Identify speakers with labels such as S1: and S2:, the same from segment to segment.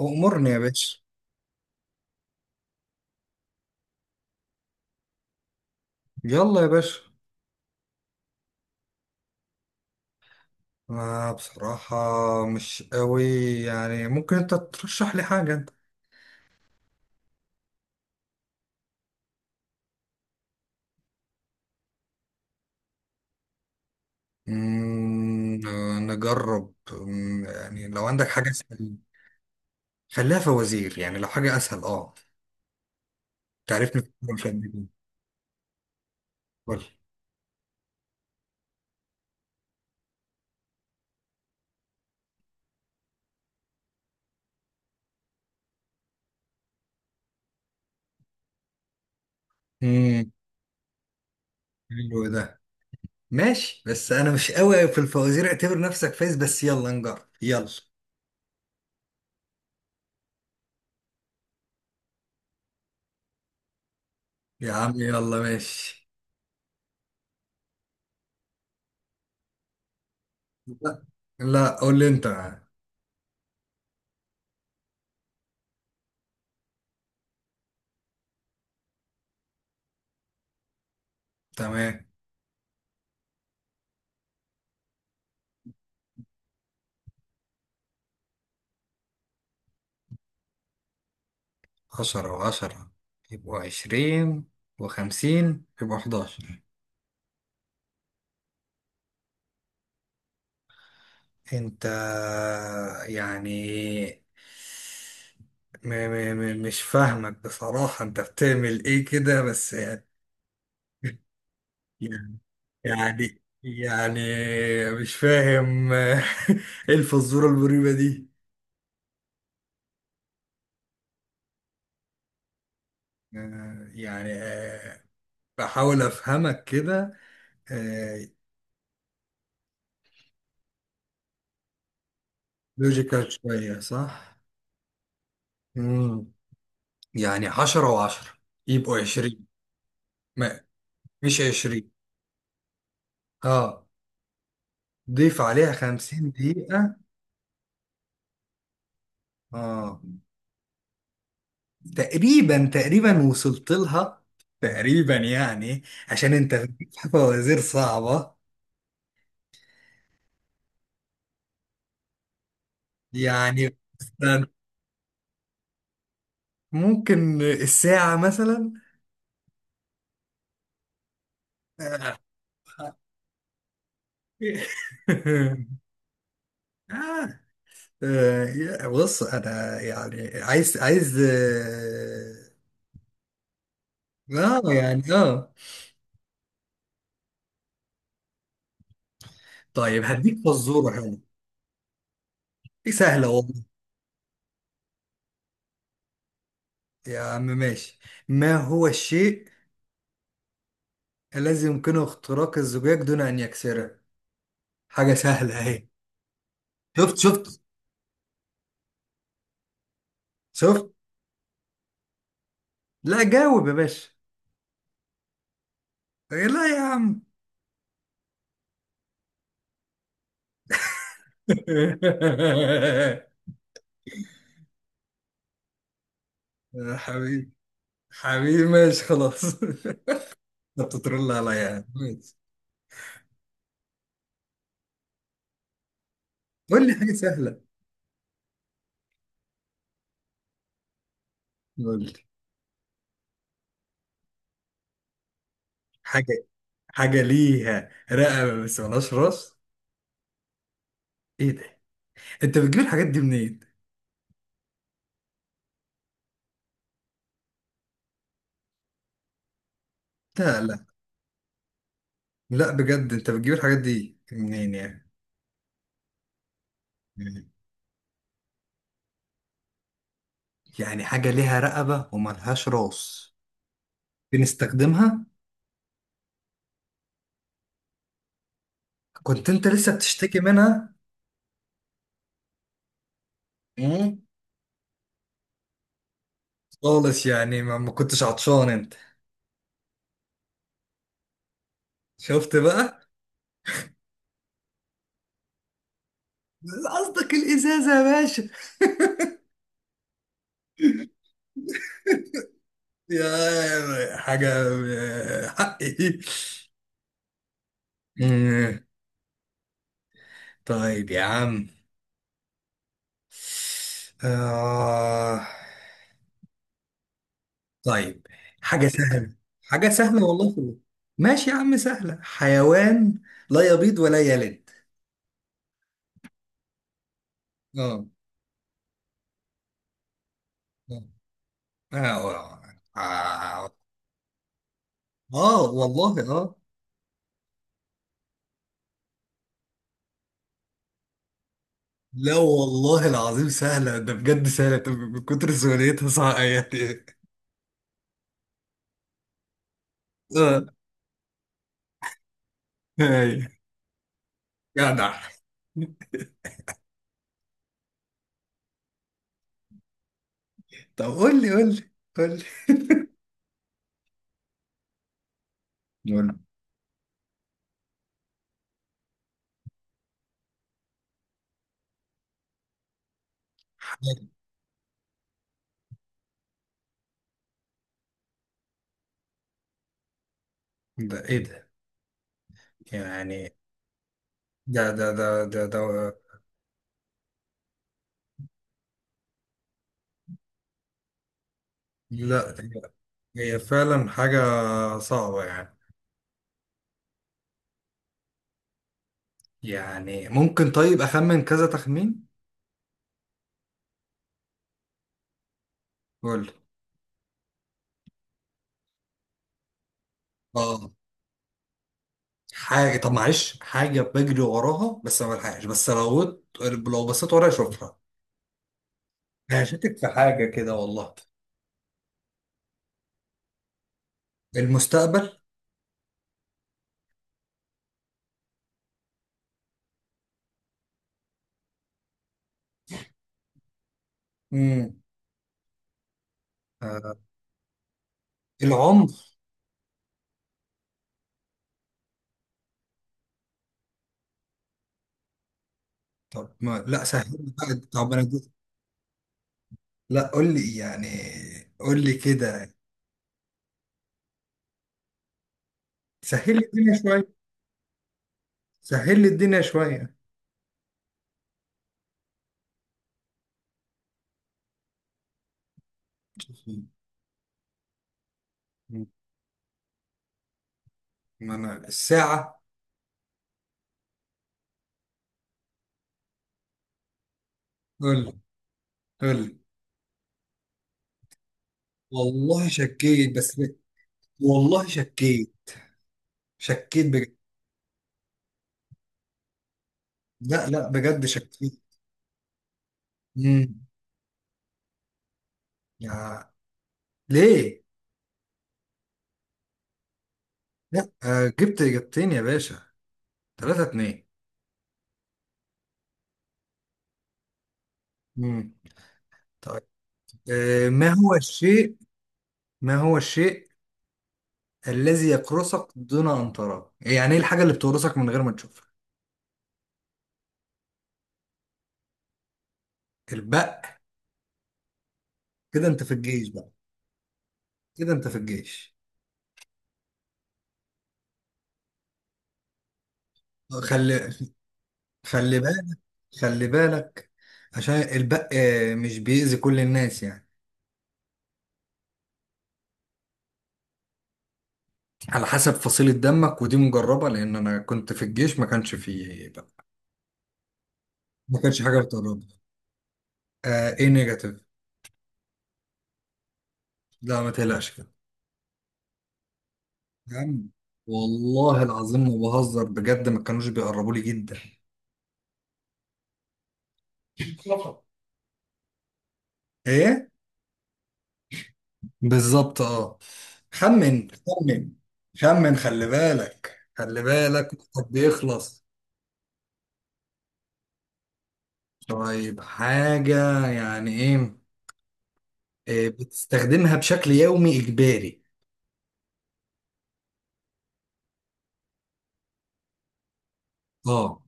S1: أمرني يا باشا. يلا يا باشا. آه، بصراحة مش قوي، يعني ممكن أنت ترشح لي حاجة أنت. نجرب، يعني لو عندك حاجة أسهل. خليها فوازير، يعني لو حاجة أسهل تعرفني في الكورة مش قد كده. قول. امم. حلو ده. ماشي، بس أنا مش قوي في الفوازير. اعتبر نفسك فايز، بس يلا نجرب. يلا يا عم، يلا ماشي. لا لا، قول لي أنت. تمام. 10 و10 يبقوا 20 و50 يبقوا 11 انت يعني، م م م مش فاهمك بصراحة، انت بتعمل ايه كده بس يعني. يعني مش فاهم ايه الفزورة المريبة دي؟ يعني، بحاول افهمك كده. لوجيكال شوية، صح؟ مم. يعني 10 و10 يبقوا 20. ما، مش عشرين. اه، ضيف عليها 50 دقيقة. اه، تقريبا تقريبا وصلت لها، تقريبا يعني، عشان انت بتجيب فوازير صعبة. يعني مثلاً، ممكن الساعة مثلا. آه. آه. آه، بص انا يعني، عايز آه، يعني طيب هديك فزورة حلوة. دي سهلة والله. يا عم ماشي. ما هو الشيء الذي يمكنه اختراق الزجاج دون أن يكسره؟ حاجة سهلة أهي. شفت شفت. شفت؟ لا، جاوب يا باشا. إيه، لا يا عم. يا حبيبي. حبيبي ماشي خلاص. انت بتترول عليا يعني، ماشي. قول لي حاجة سهلة. قول لي. حاجة حاجة ليها رقبة بس ملهاش راس. ايه ده؟ انت بتجيب الحاجات دي منين؟ لا لا لا، بجد انت بتجيب الحاجات دي منين يعني؟ مم. يعني حاجة ليها رقبة وملهاش راس. بنستخدمها. كنت انت لسه بتشتكي منها. مم. خالص يعني، ما كنتش عطشان انت؟ شفت بقى. قصدك الازازة يا باشا. يا حاجة، حقي. مم. طيب يا عم. آه. طيب. حاجة سهلة. حاجة سهلة والله في الله. ماشي يا عم، سهلة: حيوان لا يبيض ولا يلد. اه. آه. آه. آه. آه، والله آه. لا والله العظيم سهلة، ده بجد سهلة، طب من كتر سهولتها صعبة يعني. آه. أيوة. جدع. طب قول لي، قول لي. قول لي، قول لي. ده إيه ده؟ يعني. ده. لا، هي فعلا حاجة صعبة يعني. يعني ممكن طيب أخمن كذا تخمين؟ قول لي. حاجة، طب معلش، حاجة بجري وراها بس ما بلحقش، بس لو بصيت ورايا اشوفها. هشتك في حاجة كده والله. المستقبل. امم. آه. العمر. طب ما لا سهل لي بقى، طب انا لا قول لي يعني، قول لي كده. سهل لي الدنيا شوية. سهل لي الدنيا شوية. مم. ما انا الساعة. قول لي، قول لي. والله شكيت بس. والله شكيت. شكيت بجد. لا لا، بجد شكيت. امم. ليه؟ لا، جبت إجابتين يا باشا. 3-2. مم. طيب. ما هو الشيء، ما هو الشيء الذي يقرصك دون أن تراه؟ يعني إيه الحاجة اللي بتقرصك من غير ما تشوفها؟ البق. كده أنت في الجيش بقى. كده أنت في الجيش. آه، خلي، خلي بالك، خلي بالك، عشان البق مش بيأذي كل الناس يعني. على حسب فصيلة دمك، ودي مجربة لأن أنا كنت في الجيش ما كانش فيه بق. ما كانش حاجة بتقربني. آه، إيه، نيجاتيف؟ لا، ما تقلقش. يا عم، والله العظيم ما بهزر بجد، ما كانوش بيقربوا لي جدا. مصطفى. ايه. بالظبط، اه. خمن خمن. خمن، خلي بالك، خلي بالك، وقتك بيخلص. طيب، حاجة يعني ايه؟ إيه، بتستخدمها بشكل يومي اجباري. اه.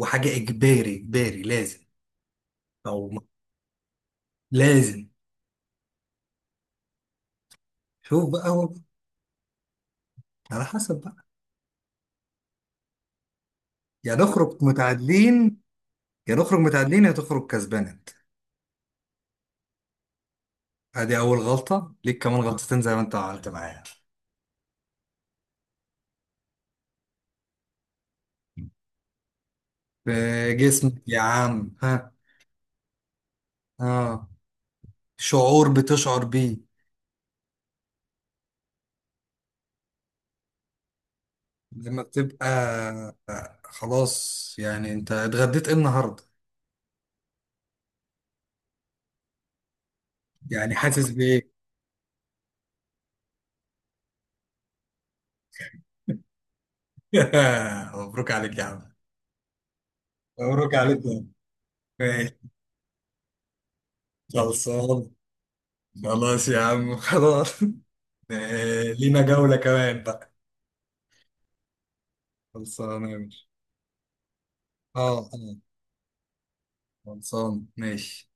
S1: وحاجة اجباري اجباري لازم، او م- لازم. شوف بقى هو، على حسب بقى. يا نخرج متعادلين. يا نخرج متعادلين، يا تخرج كسبان. ادي اول غلطة ليك، كمان غلطتين زي ما انت عملت معايا. في جسمك يا عم، ها. اه. شعور بتشعر بيه، لما بتبقى. آه، خلاص يعني، انت اتغديت ايه النهارده؟ يعني حاسس بايه؟ مبروك عليك يا عم. مبروك عليك يا عم. ماشي. خلصان. خلاص يا عم، خلاص. لينا جولة كمان بقى. خلصان يا باشا. اه، خلصان ماشي